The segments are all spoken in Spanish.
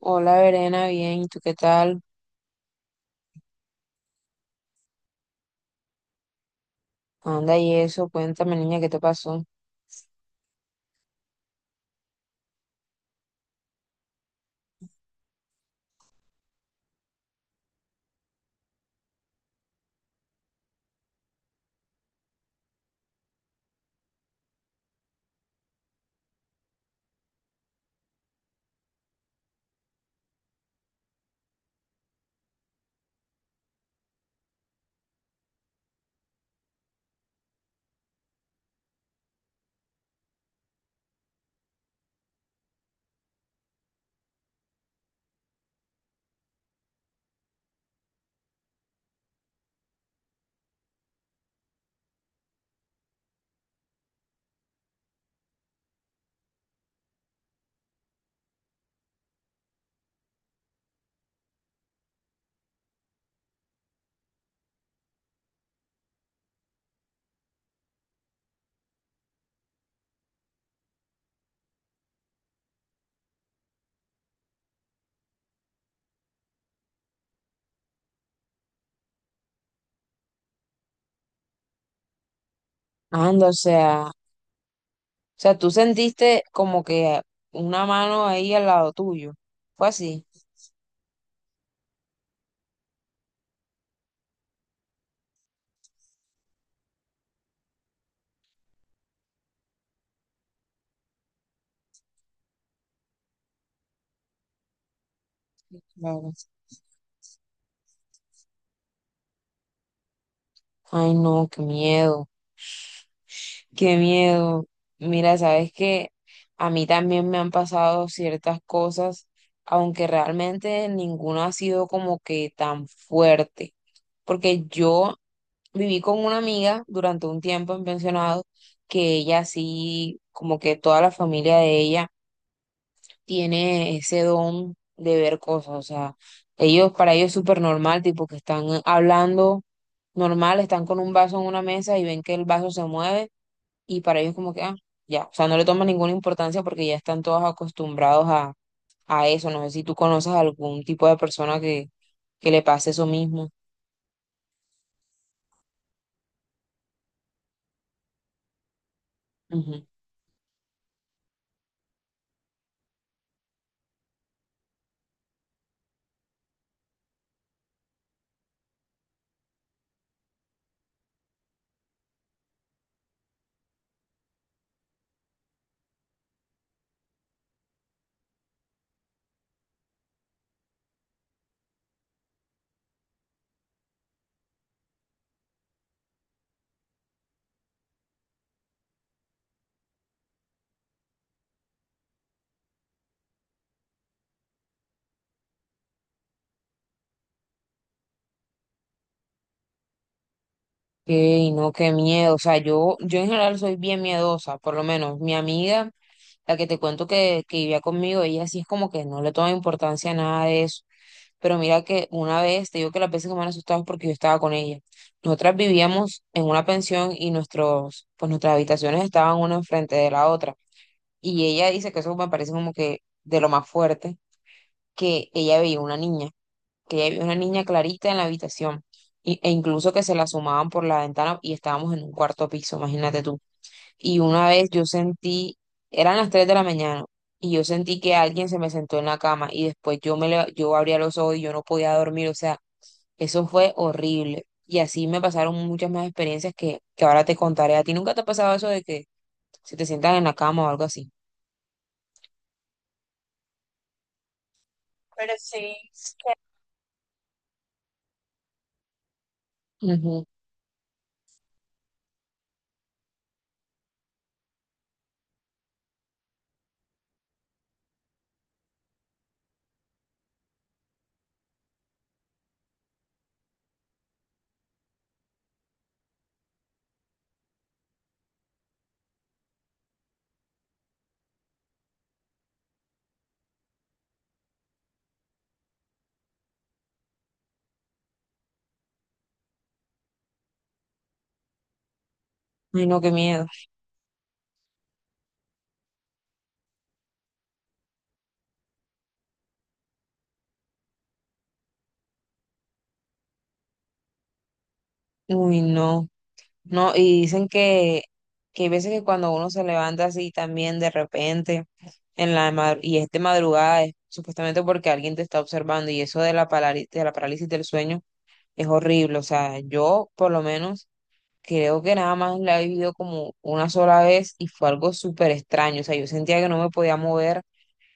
Hola, Verena, bien, ¿y tú qué tal? Anda, y eso, cuéntame, niña, ¿qué te pasó? Anda, o sea, tú sentiste como que una mano ahí al lado tuyo. Fue así. Claro. Ay, no, qué miedo, qué miedo. Mira, sabes que a mí también me han pasado ciertas cosas, aunque realmente ninguna ha sido como que tan fuerte. Porque yo viví con una amiga durante un tiempo en pensionado, que ella sí, como que toda la familia de ella tiene ese don de ver cosas, o sea, ellos, para ellos es súper normal, tipo que están hablando normal, están con un vaso en una mesa y ven que el vaso se mueve y para ellos como que, ah, ya, o sea, no le toman ninguna importancia porque ya están todos acostumbrados a, eso, no sé si tú conoces a algún tipo de persona que, le pase eso mismo. Y no, qué miedo. O sea, yo en general soy bien miedosa, por lo menos mi amiga, la que te cuento que, vivía conmigo, ella sí es como que no le toma importancia a nada de eso. Pero mira que una vez, te digo que las veces que me han asustado es porque yo estaba con ella. Nosotras vivíamos en una pensión y nuestros, pues nuestras habitaciones estaban una enfrente de la otra. Y ella dice que eso me parece como que de lo más fuerte, que ella veía una niña que ya había una niña clarita en la habitación e incluso que se la asomaban por la ventana y estábamos en un cuarto piso, imagínate tú. Y una vez yo sentí, eran las 3 de la mañana y yo sentí que alguien se me sentó en la cama y después yo abría los ojos y yo no podía dormir, o sea, eso fue horrible. Y así me pasaron muchas más experiencias que, ahora te contaré. ¿A ti nunca te ha pasado eso de que se te sientan en la cama o algo así? Pero sí. Ujú. Ay, no, qué miedo. Uy, no. No, y dicen que, hay veces que cuando uno se levanta así también de repente en y es de madrugada es supuestamente porque alguien te está observando y eso de la parálisis del sueño es horrible. O sea, yo por lo menos creo que nada más la he vivido como una sola vez y fue algo súper extraño. O sea, yo sentía que no me podía mover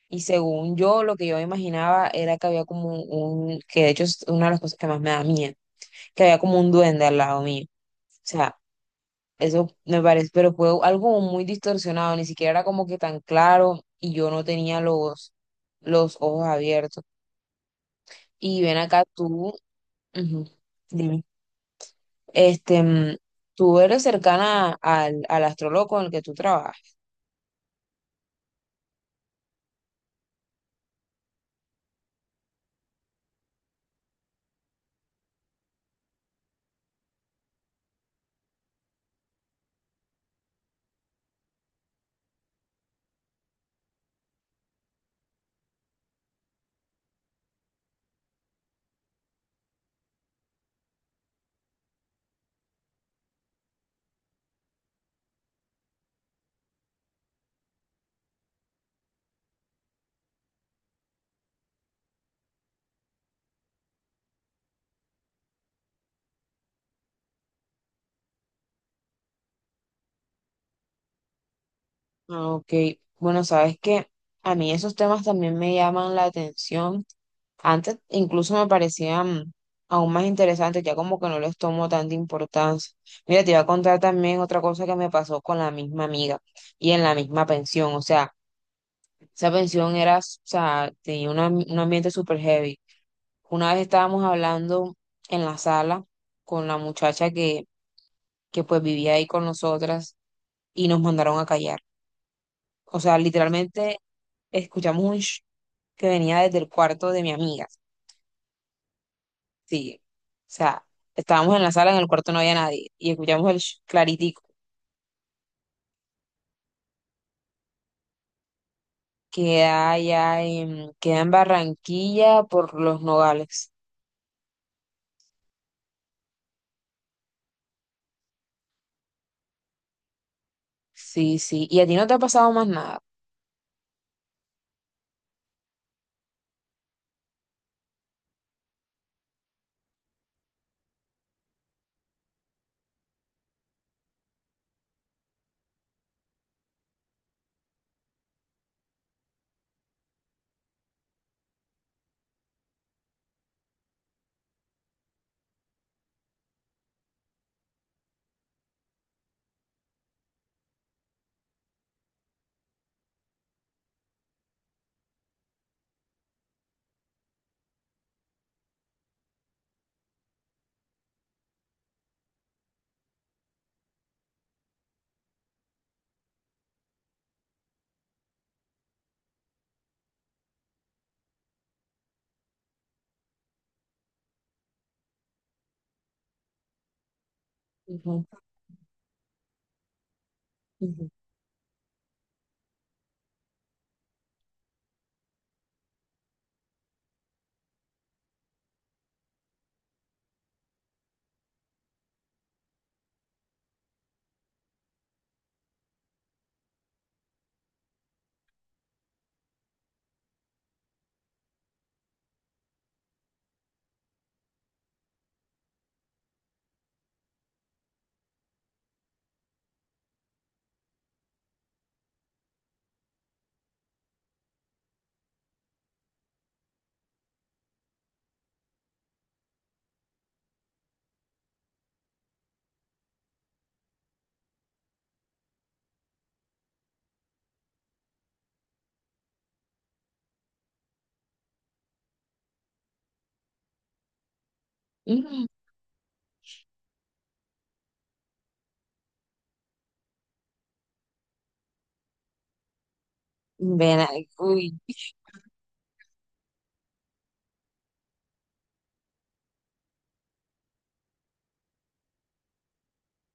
y según yo lo que yo me imaginaba era que había como que de hecho es una de las cosas que más me da miedo, que había como un duende al lado mío. O sea, eso me parece, pero fue algo como muy distorsionado, ni siquiera era como que tan claro y yo no tenía los ojos abiertos. Y ven acá tú, ujú, dime, este, tú eres cercana al astrólogo con el que tú trabajas. Ah, Ok, bueno, sabes que a mí esos temas también me llaman la atención. Antes incluso me parecían aún más interesantes, ya como que no les tomo tanta importancia. Mira, te iba a contar también otra cosa que me pasó con la misma amiga y en la misma pensión. O sea, esa pensión era, o sea, tenía un ambiente súper heavy. Una vez estábamos hablando en la sala con la muchacha que, pues vivía ahí con nosotras y nos mandaron a callar. O sea, literalmente escuchamos un sh que venía desde el cuarto de mi amiga. Sí, o sea, estábamos en la sala, en el cuarto no había nadie y escuchamos el sh- claritico. Queda allá en, queda en Barranquilla por los Nogales. Sí, sí. ¿Y a ti no te ha pasado más nada? Ujú, ujú, ujú. Ven, uy,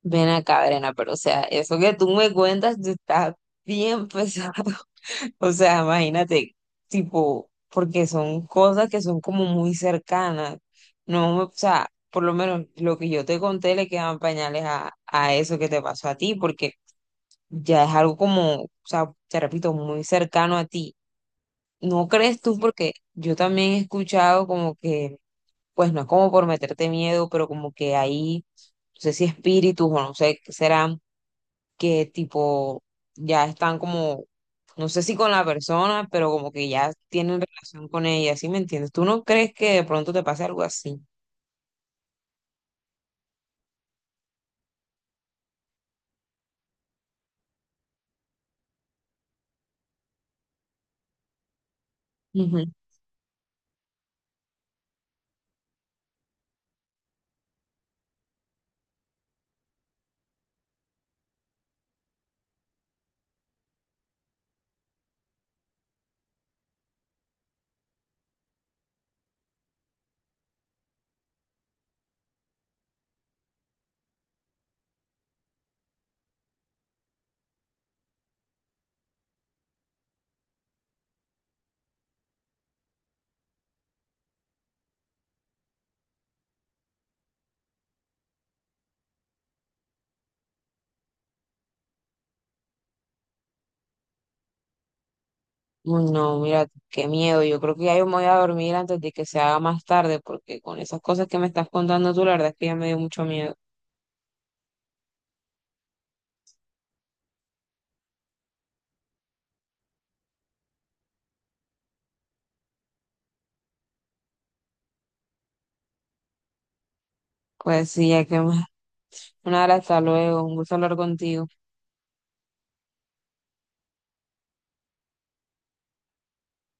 ven acá, Brena, pero o sea, eso que tú me cuentas, tú estás bien pesado. O sea, imagínate, tipo, porque son cosas que son como muy cercanas. No, o sea, por lo menos lo que yo te conté le quedan pañales a, eso que te pasó a ti, porque ya es algo como, o sea, te repito, muy cercano a ti. ¿No crees tú? Porque yo también he escuchado como que, pues no es como por meterte miedo, pero como que ahí, no sé si espíritus o no sé qué serán que tipo ya están como, no sé si con la persona, pero como que ya tienen relación con ella, ¿sí me entiendes? ¿Tú no crees que de pronto te pase algo así? Ujú. Uy, no, mira, qué miedo. Yo creo que ya yo me voy a dormir antes de que se haga más tarde, porque con esas cosas que me estás contando tú, la verdad es que ya me dio mucho miedo. Pues sí, ya que más. Nada, hasta luego. Un gusto hablar contigo.